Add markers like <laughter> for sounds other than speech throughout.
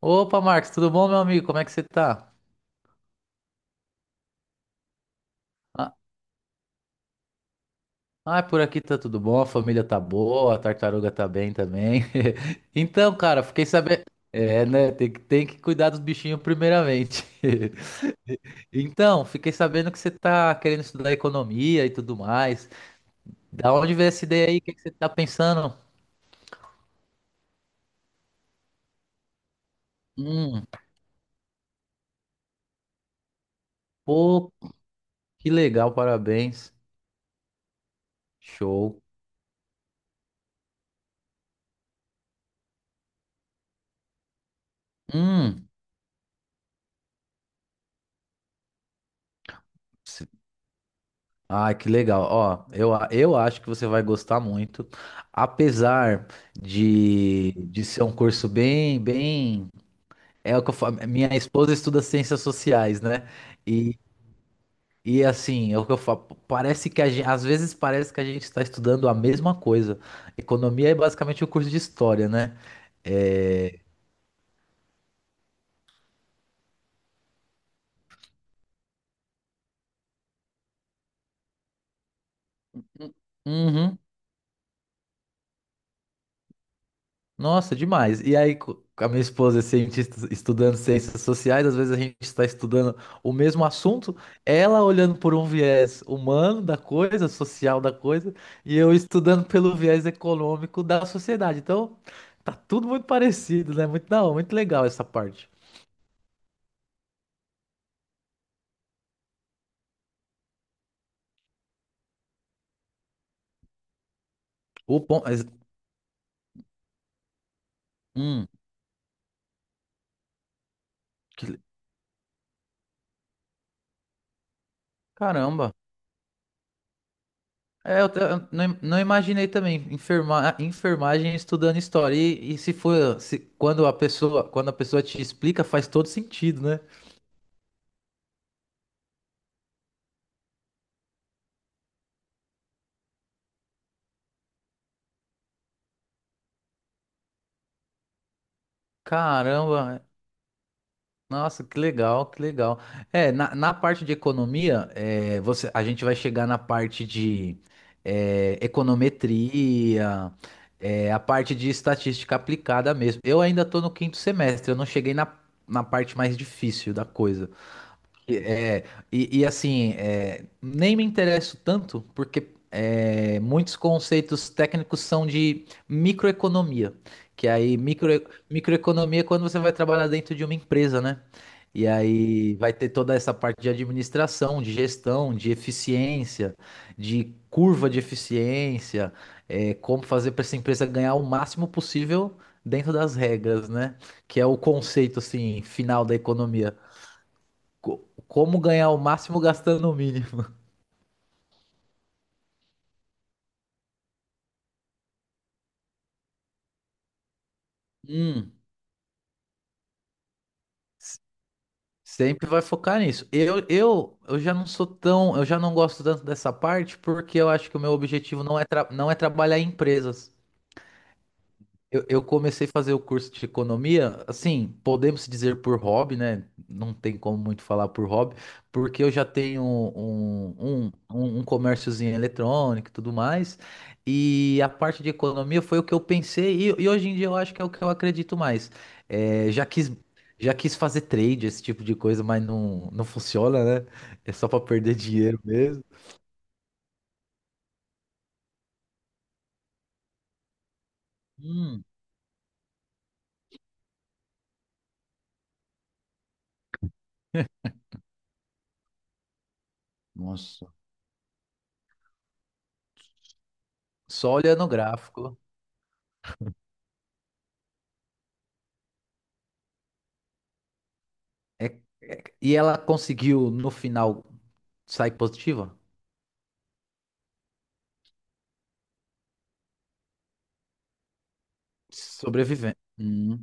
Opa, Marcos, tudo bom, meu amigo? Como é que você tá? Ah, por aqui tá tudo bom, a família tá boa, a tartaruga tá bem também. <laughs> Então, cara, fiquei sabendo. É, né? Tem que cuidar dos bichinhos primeiramente. <laughs> Então, fiquei sabendo que você tá querendo estudar economia e tudo mais. Da onde veio essa ideia aí? O que que você tá pensando? Hum, pô, que legal, parabéns. Show. Hum. Ah, que legal. Ó, eu acho que você vai gostar muito, apesar de ser um curso bem, bem. É o que eu falo. Minha esposa estuda ciências sociais, né? E, e assim, é o que eu falo. Parece que a gente, às vezes parece que a gente está estudando a mesma coisa. Economia é basicamente o curso de história, né? É. Uhum. Nossa, demais. E aí, a minha esposa é cientista estudando ciências sociais, às vezes a gente está estudando o mesmo assunto, ela olhando por um viés humano da coisa, social da coisa, e eu estudando pelo viés econômico da sociedade. Então, tá tudo muito parecido, né? Muito da hora, muito legal essa parte. O ponto, hum, que le- caramba. É, eu não, não imaginei também enfermagem estudando história. E se for, se, quando a pessoa te explica, faz todo sentido, né? Caramba, nossa, que legal, que legal. É, na, na parte de economia, é, você, a gente vai chegar na parte de é, econometria, é, a parte de estatística aplicada mesmo. Eu ainda estou no quinto semestre, eu não cheguei na, na parte mais difícil da coisa. E assim, é, nem me interesso tanto, porque é, muitos conceitos técnicos são de microeconomia, que microeconomia é quando você vai trabalhar dentro de uma empresa, né? E aí vai ter toda essa parte de administração, de gestão, de eficiência, de curva de eficiência, é, como fazer para essa empresa ganhar o máximo possível dentro das regras, né? Que é o conceito assim final da economia como ganhar o máximo gastando o mínimo. Hum, S- Sempre vai focar nisso. Eu já não sou tão, eu já não gosto tanto dessa parte porque eu acho que o meu objetivo não é, não é trabalhar em empresas. Eu comecei a fazer o curso de economia, assim, podemos dizer por hobby, né? Não tem como muito falar por hobby, porque eu já tenho um comérciozinho eletrônico e tudo mais, e a parte de economia foi o que eu pensei, e hoje em dia eu acho que é o que eu acredito mais. É, já quis, já quis fazer trade, esse tipo de coisa, mas não, não funciona, né? É só para perder dinheiro mesmo. Hum, nossa. Só olhando o gráfico. É, e ela conseguiu, no final, sai positiva? Sobrevivendo.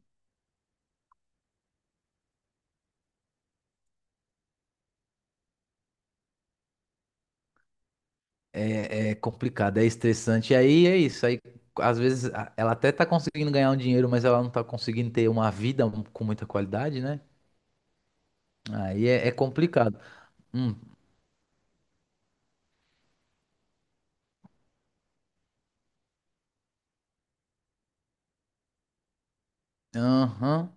É, é complicado, é estressante. E aí é isso. Aí, às vezes ela até tá conseguindo ganhar um dinheiro, mas ela não tá conseguindo ter uma vida com muita qualidade, né? Aí é, é complicado. Hum, aham.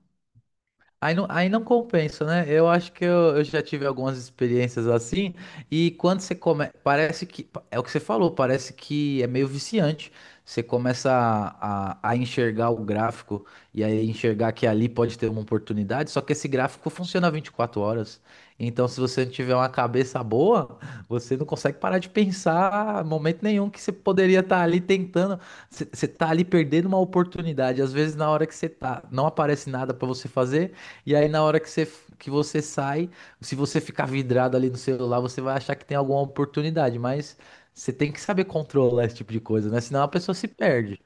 Aí não compensa, né? Eu acho que eu já tive algumas experiências assim, e quando você começa. Parece que. É o que você falou, parece que é meio viciante. Você começa a enxergar o gráfico e aí enxergar que ali pode ter uma oportunidade, só que esse gráfico funciona 24 horas. Então, se você não tiver uma cabeça boa, você não consegue parar de pensar em momento nenhum que você poderia estar ali tentando. Você está ali perdendo uma oportunidade. Às vezes, na hora que você tá, não aparece nada para você fazer. E aí, na hora que você sai, se você ficar vidrado ali no celular, você vai achar que tem alguma oportunidade, mas você tem que saber controlar esse tipo de coisa, né? Senão a pessoa se perde.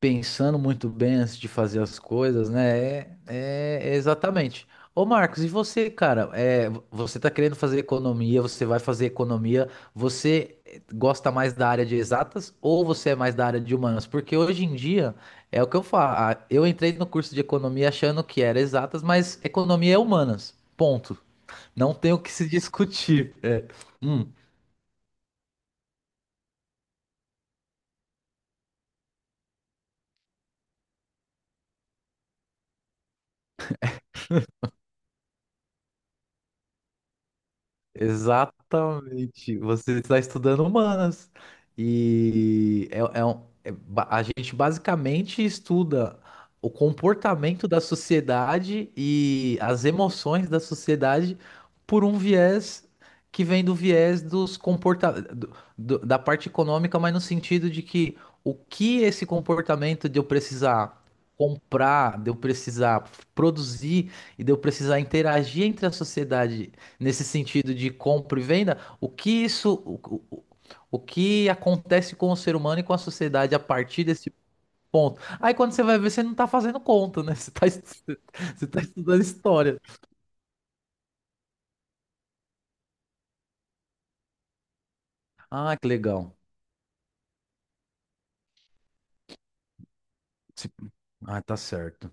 Pensando muito bem antes de fazer as coisas, né? É exatamente. Ô Marcos, e você, cara? É, você tá querendo fazer economia, você vai fazer economia, você gosta mais da área de exatas ou você é mais da área de humanas? Porque hoje em dia é o que eu falo. Eu entrei no curso de economia achando que era exatas, mas economia é humanas. Ponto. Não tem o que se discutir. É. Hum. Exatamente. Você está estudando humanas. E a gente basicamente estuda o comportamento da sociedade e as emoções da sociedade por um viés que vem do viés dos da parte econômica, mas no sentido de que o que esse comportamento de eu precisar comprar, de eu precisar produzir e de eu precisar interagir entre a sociedade nesse sentido de compra e venda, o que isso, o, o que acontece com o ser humano e com a sociedade a partir desse ponto. Aí quando você vai ver, você não tá fazendo conta, né? <laughs> Você tá, <laughs> você tá estudando história. Ah, que legal. Se- Ah, tá certo.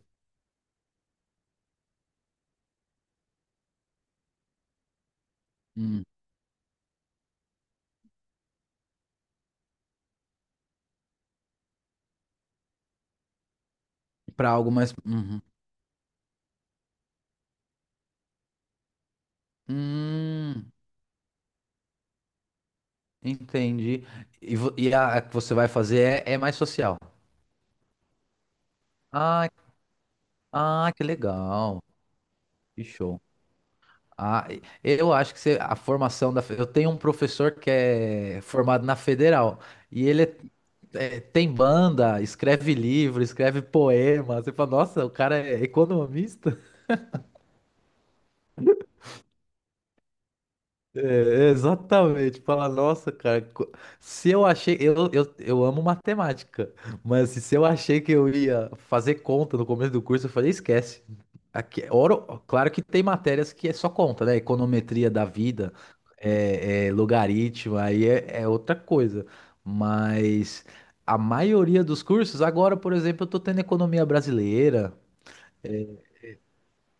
Hum. Para algo mais. Uhum. Hum, entendi. E, a que você vai fazer é, é mais social. Ah, que legal. Que show. Ah, eu acho que você- a formação da. Eu tenho um professor que é formado na Federal e é, tem banda, escreve livro, escreve poema. Você fala, nossa, o cara é economista? É, exatamente. Fala, nossa, cara, co- se eu achei, eu amo matemática, mas se eu achei que eu ia fazer conta no começo do curso, eu falei, esquece. Aqui, oro, claro que tem matérias que é só conta, né? Econometria da vida, é, é logaritmo, aí é, é outra coisa. Mas a maioria dos cursos, agora, por exemplo, eu tô tendo economia brasileira.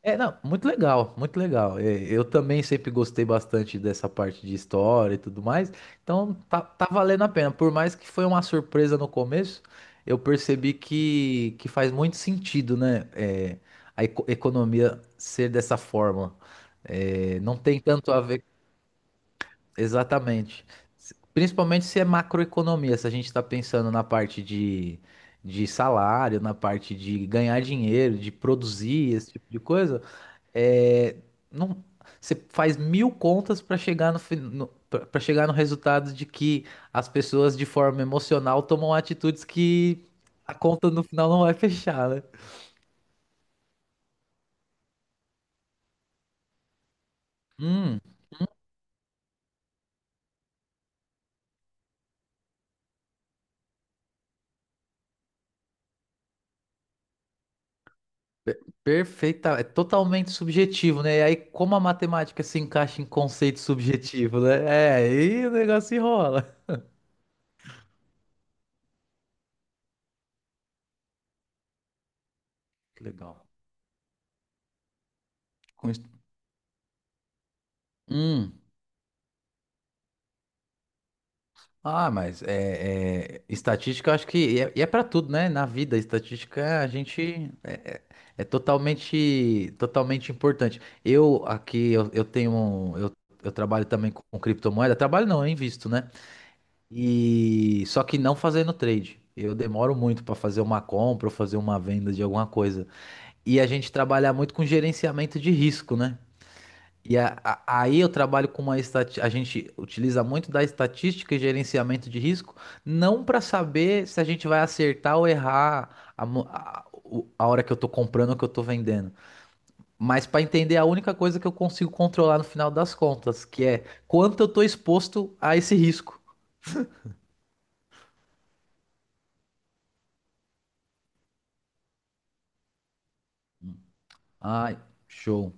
É, não, muito legal, muito legal. É, eu também sempre gostei bastante dessa parte de história e tudo mais. Então tá, tá valendo a pena. Por mais que foi uma surpresa no começo, eu percebi que faz muito sentido, né? é, a economia ser dessa forma. É, não tem tanto a ver exatamente. Principalmente se é macroeconomia, se a gente está pensando na parte de salário, na parte de ganhar dinheiro, de produzir, esse tipo de coisa. É, não, você faz mil contas para chegar no, para chegar no resultado de que as pessoas de forma emocional tomam atitudes que a conta no final não vai fechar, né? Perfeita, é totalmente subjetivo, né? E aí, como a matemática se encaixa em conceito subjetivo, né? É, aí o negócio rola. Que legal. Com isso- Hum. Ah, mas estatística, eu acho que e é para tudo, né? Na vida, estatística a gente é totalmente, totalmente importante. Eu aqui eu tenho, um- eu trabalho também com criptomoeda. Trabalho não, eu invisto, né? E só que não fazendo trade. Eu demoro muito para fazer uma compra ou fazer uma venda de alguma coisa. E a gente trabalha muito com gerenciamento de risco, né? E a- aí eu trabalho com uma estatística, a gente utiliza muito da estatística e gerenciamento de risco, não para saber se a gente vai acertar ou errar a, mo- a- o- a hora que eu tô comprando ou que eu tô vendendo, mas para entender a única coisa que eu consigo controlar no final das contas, que é quanto eu tô exposto a esse risco. Ai, show.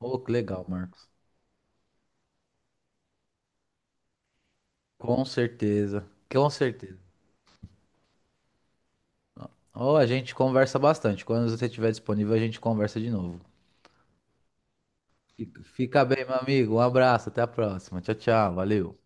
Ô, que legal, Marcos. Com certeza, com certeza. Ou a gente conversa bastante. Quando você estiver disponível, a gente conversa de novo. Fica bem, meu amigo. Um abraço, até a próxima. Tchau, tchau. Valeu.